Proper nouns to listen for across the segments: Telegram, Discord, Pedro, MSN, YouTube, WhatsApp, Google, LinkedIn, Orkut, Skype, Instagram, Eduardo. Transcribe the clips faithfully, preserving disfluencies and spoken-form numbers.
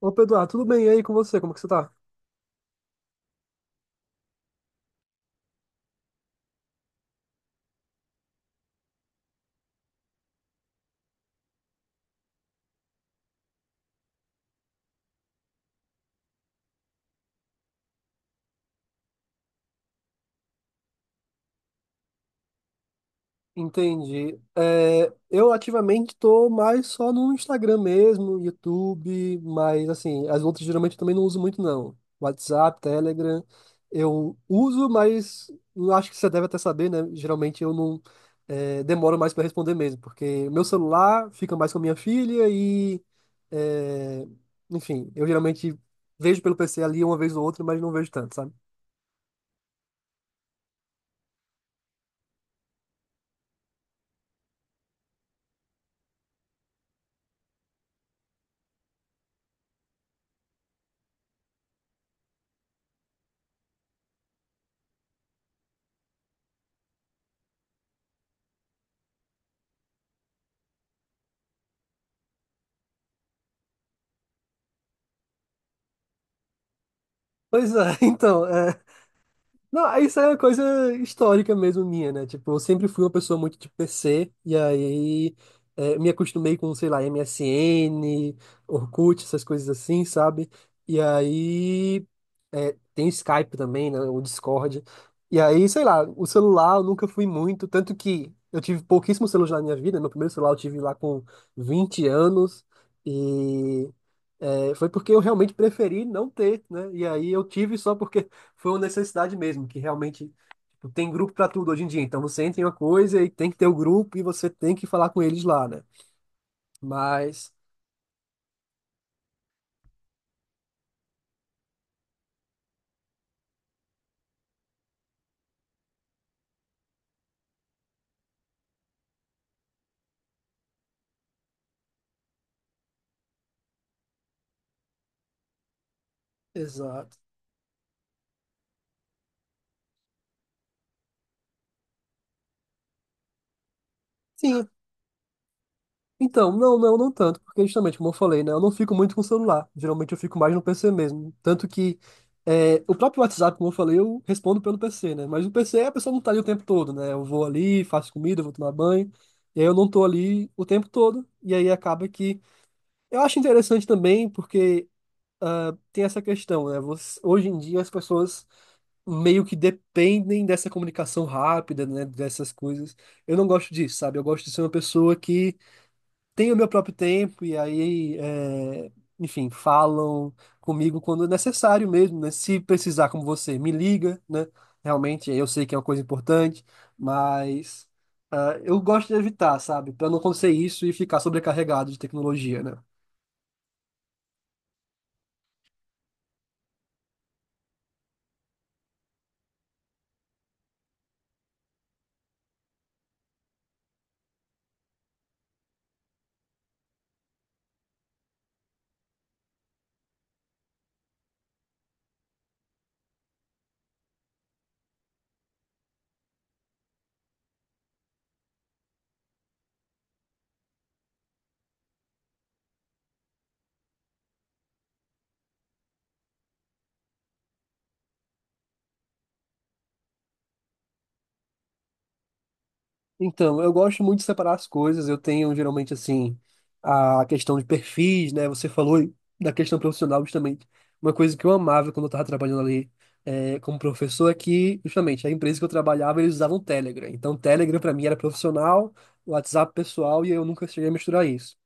Ô Pedro, ah, tudo bem? E aí com você? Como que você tá? Entendi. É, eu ativamente tô mais só no Instagram mesmo, YouTube, mas assim, as outras geralmente eu também não uso muito não. WhatsApp, Telegram, eu uso, mas eu acho que você deve até saber, né? Geralmente eu não é, demoro mais para responder mesmo, porque meu celular fica mais com a minha filha e, é, enfim, eu geralmente vejo pelo P C ali uma vez ou outra, mas não vejo tanto, sabe? Pois é, então, é, Não, isso é uma coisa histórica mesmo minha, né? Tipo, eu sempre fui uma pessoa muito de P C, e aí eh, me acostumei com, sei lá, M S N, Orkut, essas coisas assim, sabe? E aí tem o Skype também, né? O Discord. E aí, sei lá, o celular eu nunca fui muito, tanto que eu tive pouquíssimo celular na minha vida. Meu primeiro celular eu tive lá com vinte anos, e é, foi porque eu realmente preferi não ter, né? E aí eu tive só porque foi uma necessidade mesmo, que realmente tipo, tem grupo para tudo hoje em dia. Então você entra em uma coisa e tem que ter o grupo e você tem que falar com eles lá, né? Mas, exato. Sim, então, não, não, não tanto, porque justamente, como eu falei, né, eu não fico muito com o celular. Geralmente eu fico mais no P C mesmo. Tanto que é, o próprio WhatsApp, como eu falei, eu respondo pelo P C, né? Mas o P C a pessoa não tá ali o tempo todo, né? Eu vou ali, faço comida, eu vou tomar banho, e aí eu não tô ali o tempo todo. E aí acaba que. Eu acho interessante também, porque ah, tem essa questão, né? Você- hoje em dia as pessoas meio que dependem dessa comunicação rápida, né? Dessas coisas. Eu não gosto disso, sabe? Eu gosto de ser uma pessoa que tenho o meu próprio tempo e aí, é, enfim, falam comigo quando é necessário mesmo, né? Se precisar, como você, me liga, né? Realmente, eu sei que é uma coisa importante, mas ah, eu gosto de evitar, sabe? Para não acontecer isso e ficar sobrecarregado de tecnologia, né? Então, eu gosto muito de separar as coisas. Eu tenho geralmente assim a questão de perfis, né? Você falou da questão profissional justamente. Uma coisa que eu amava quando eu estava trabalhando ali eh, como professor é que justamente a empresa que eu trabalhava eles usavam Telegram. Então, Telegram para mim era profissional, WhatsApp pessoal e eu nunca cheguei a misturar isso.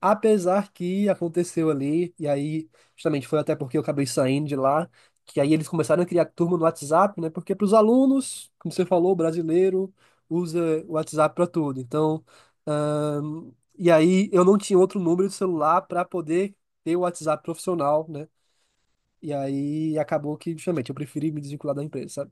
Apesar que aconteceu ali, e aí, justamente foi até porque eu acabei saindo de lá, que aí eles começaram a criar turma no WhatsApp, né? Porque para os alunos, como você falou, o brasileiro usa o WhatsApp para tudo. Então, ahn, e aí eu não tinha outro número de celular para poder ter o WhatsApp profissional, né? E aí acabou que, justamente, eu preferi me desvincular da empresa, sabe?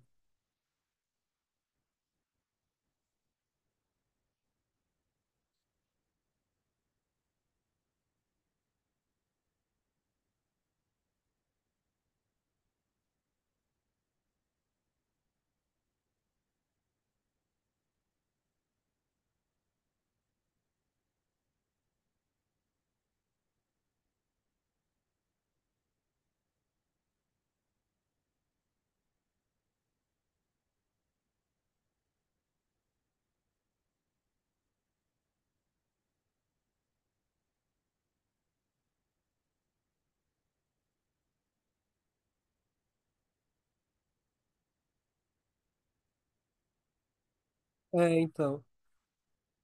É, então.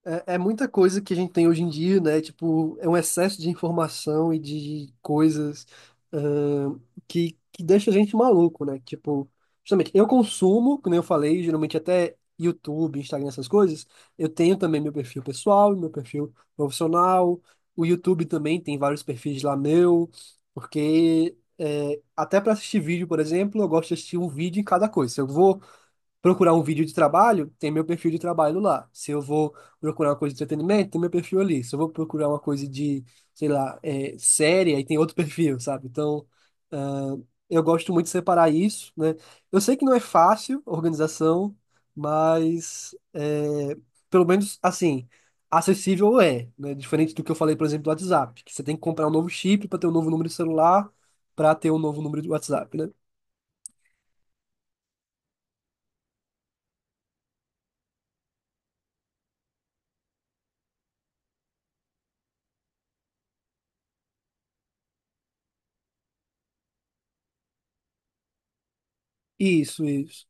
É, é muita coisa que a gente tem hoje em dia, né? Tipo, é um excesso de informação e de coisas, ahn, que, que deixa a gente maluco, né? Tipo, justamente, eu consumo, como eu falei, geralmente até YouTube, Instagram, essas coisas. Eu tenho também meu perfil pessoal, meu perfil profissional. O YouTube também tem vários perfis lá meu, porque é, até para assistir vídeo, por exemplo, eu gosto de assistir um vídeo em cada coisa. Se eu vou procurar um vídeo de trabalho, tem meu perfil de trabalho lá. Se eu vou procurar uma coisa de entretenimento, tem meu perfil ali. Se eu vou procurar uma coisa de, sei lá, é, série, aí tem outro perfil, sabe? Então, ah, eu gosto muito de separar isso, né? Eu sei que não é fácil a organização, mas é, pelo menos assim. Acessível é, né? Diferente do que eu falei, por exemplo, do WhatsApp, que você tem que comprar um novo chip para ter um novo número de celular, para ter um novo número de WhatsApp, né? Isso, isso.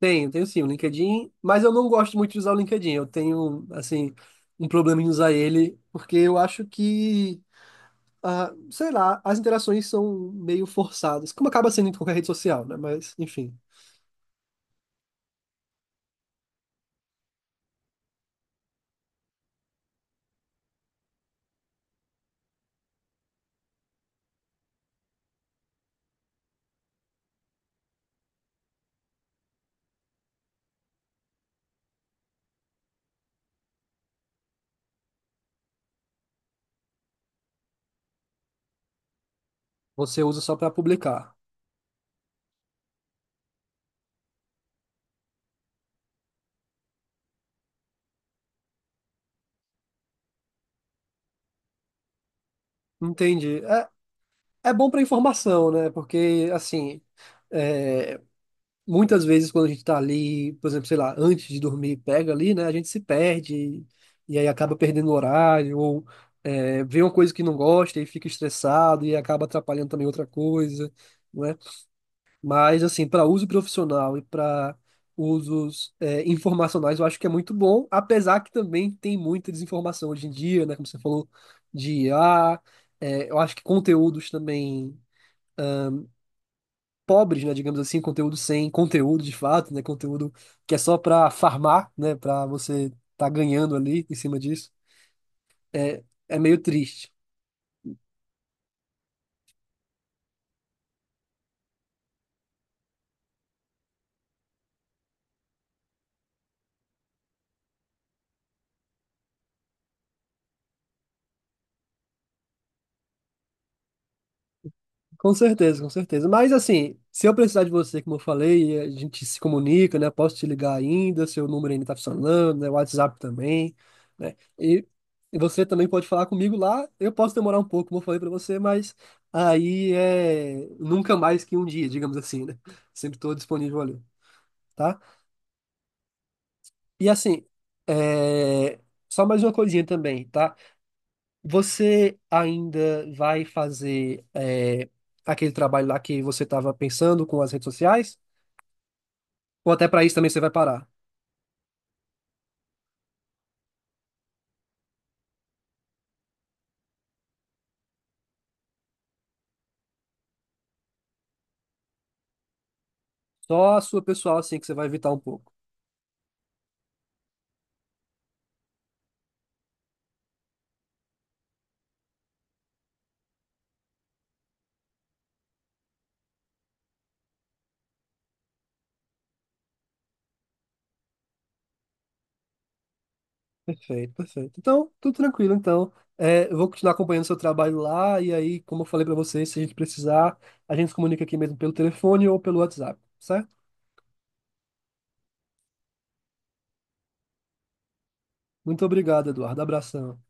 Tenho, tenho sim, o LinkedIn, mas eu não gosto muito de usar o LinkedIn. Eu tenho, assim, um problema em usar ele, porque eu acho que, ah, sei lá, as interações são meio forçadas, como acaba sendo em qualquer rede social, né? Mas, enfim, você usa só para publicar. Entendi. É, é bom para informação, né? Porque, assim, é, muitas vezes quando a gente tá ali, por exemplo, sei lá, antes de dormir, pega ali, né? A gente se perde e aí acaba perdendo o horário ou é, vê uma coisa que não gosta e fica estressado e acaba atrapalhando também outra coisa, não é? Mas assim, para uso profissional e para usos é, informacionais, eu acho que é muito bom, apesar que também tem muita desinformação hoje em dia, né? Como você falou de I A, é, eu acho que conteúdos também pobres, né, digamos assim, conteúdo sem conteúdo de fato, né, conteúdo que é só para farmar, né, para você tá ganhando ali em cima disso, é, é meio triste. Com certeza, com certeza. Mas assim, se eu precisar de você, como eu falei, a gente se comunica, né, posso te ligar ainda, seu número ainda tá funcionando, né, o WhatsApp também, né, e e você também pode falar comigo lá, eu posso demorar um pouco, como eu falei para você, mas aí é nunca mais que um dia, digamos assim, né, sempre estou disponível ali, tá? E assim, é, só mais uma coisinha também, tá? Você ainda vai fazer é, aquele trabalho lá que você estava pensando com as redes sociais? Ou até para isso também você vai parar? Só a sua pessoal, assim, que você vai evitar um pouco. Perfeito, perfeito. Então, tudo tranquilo. Então, é, eu vou continuar acompanhando o seu trabalho lá. E aí, como eu falei para você, se a gente precisar, a gente se comunica aqui mesmo pelo telefone ou pelo WhatsApp, certo? Muito obrigado, Eduardo. Abração.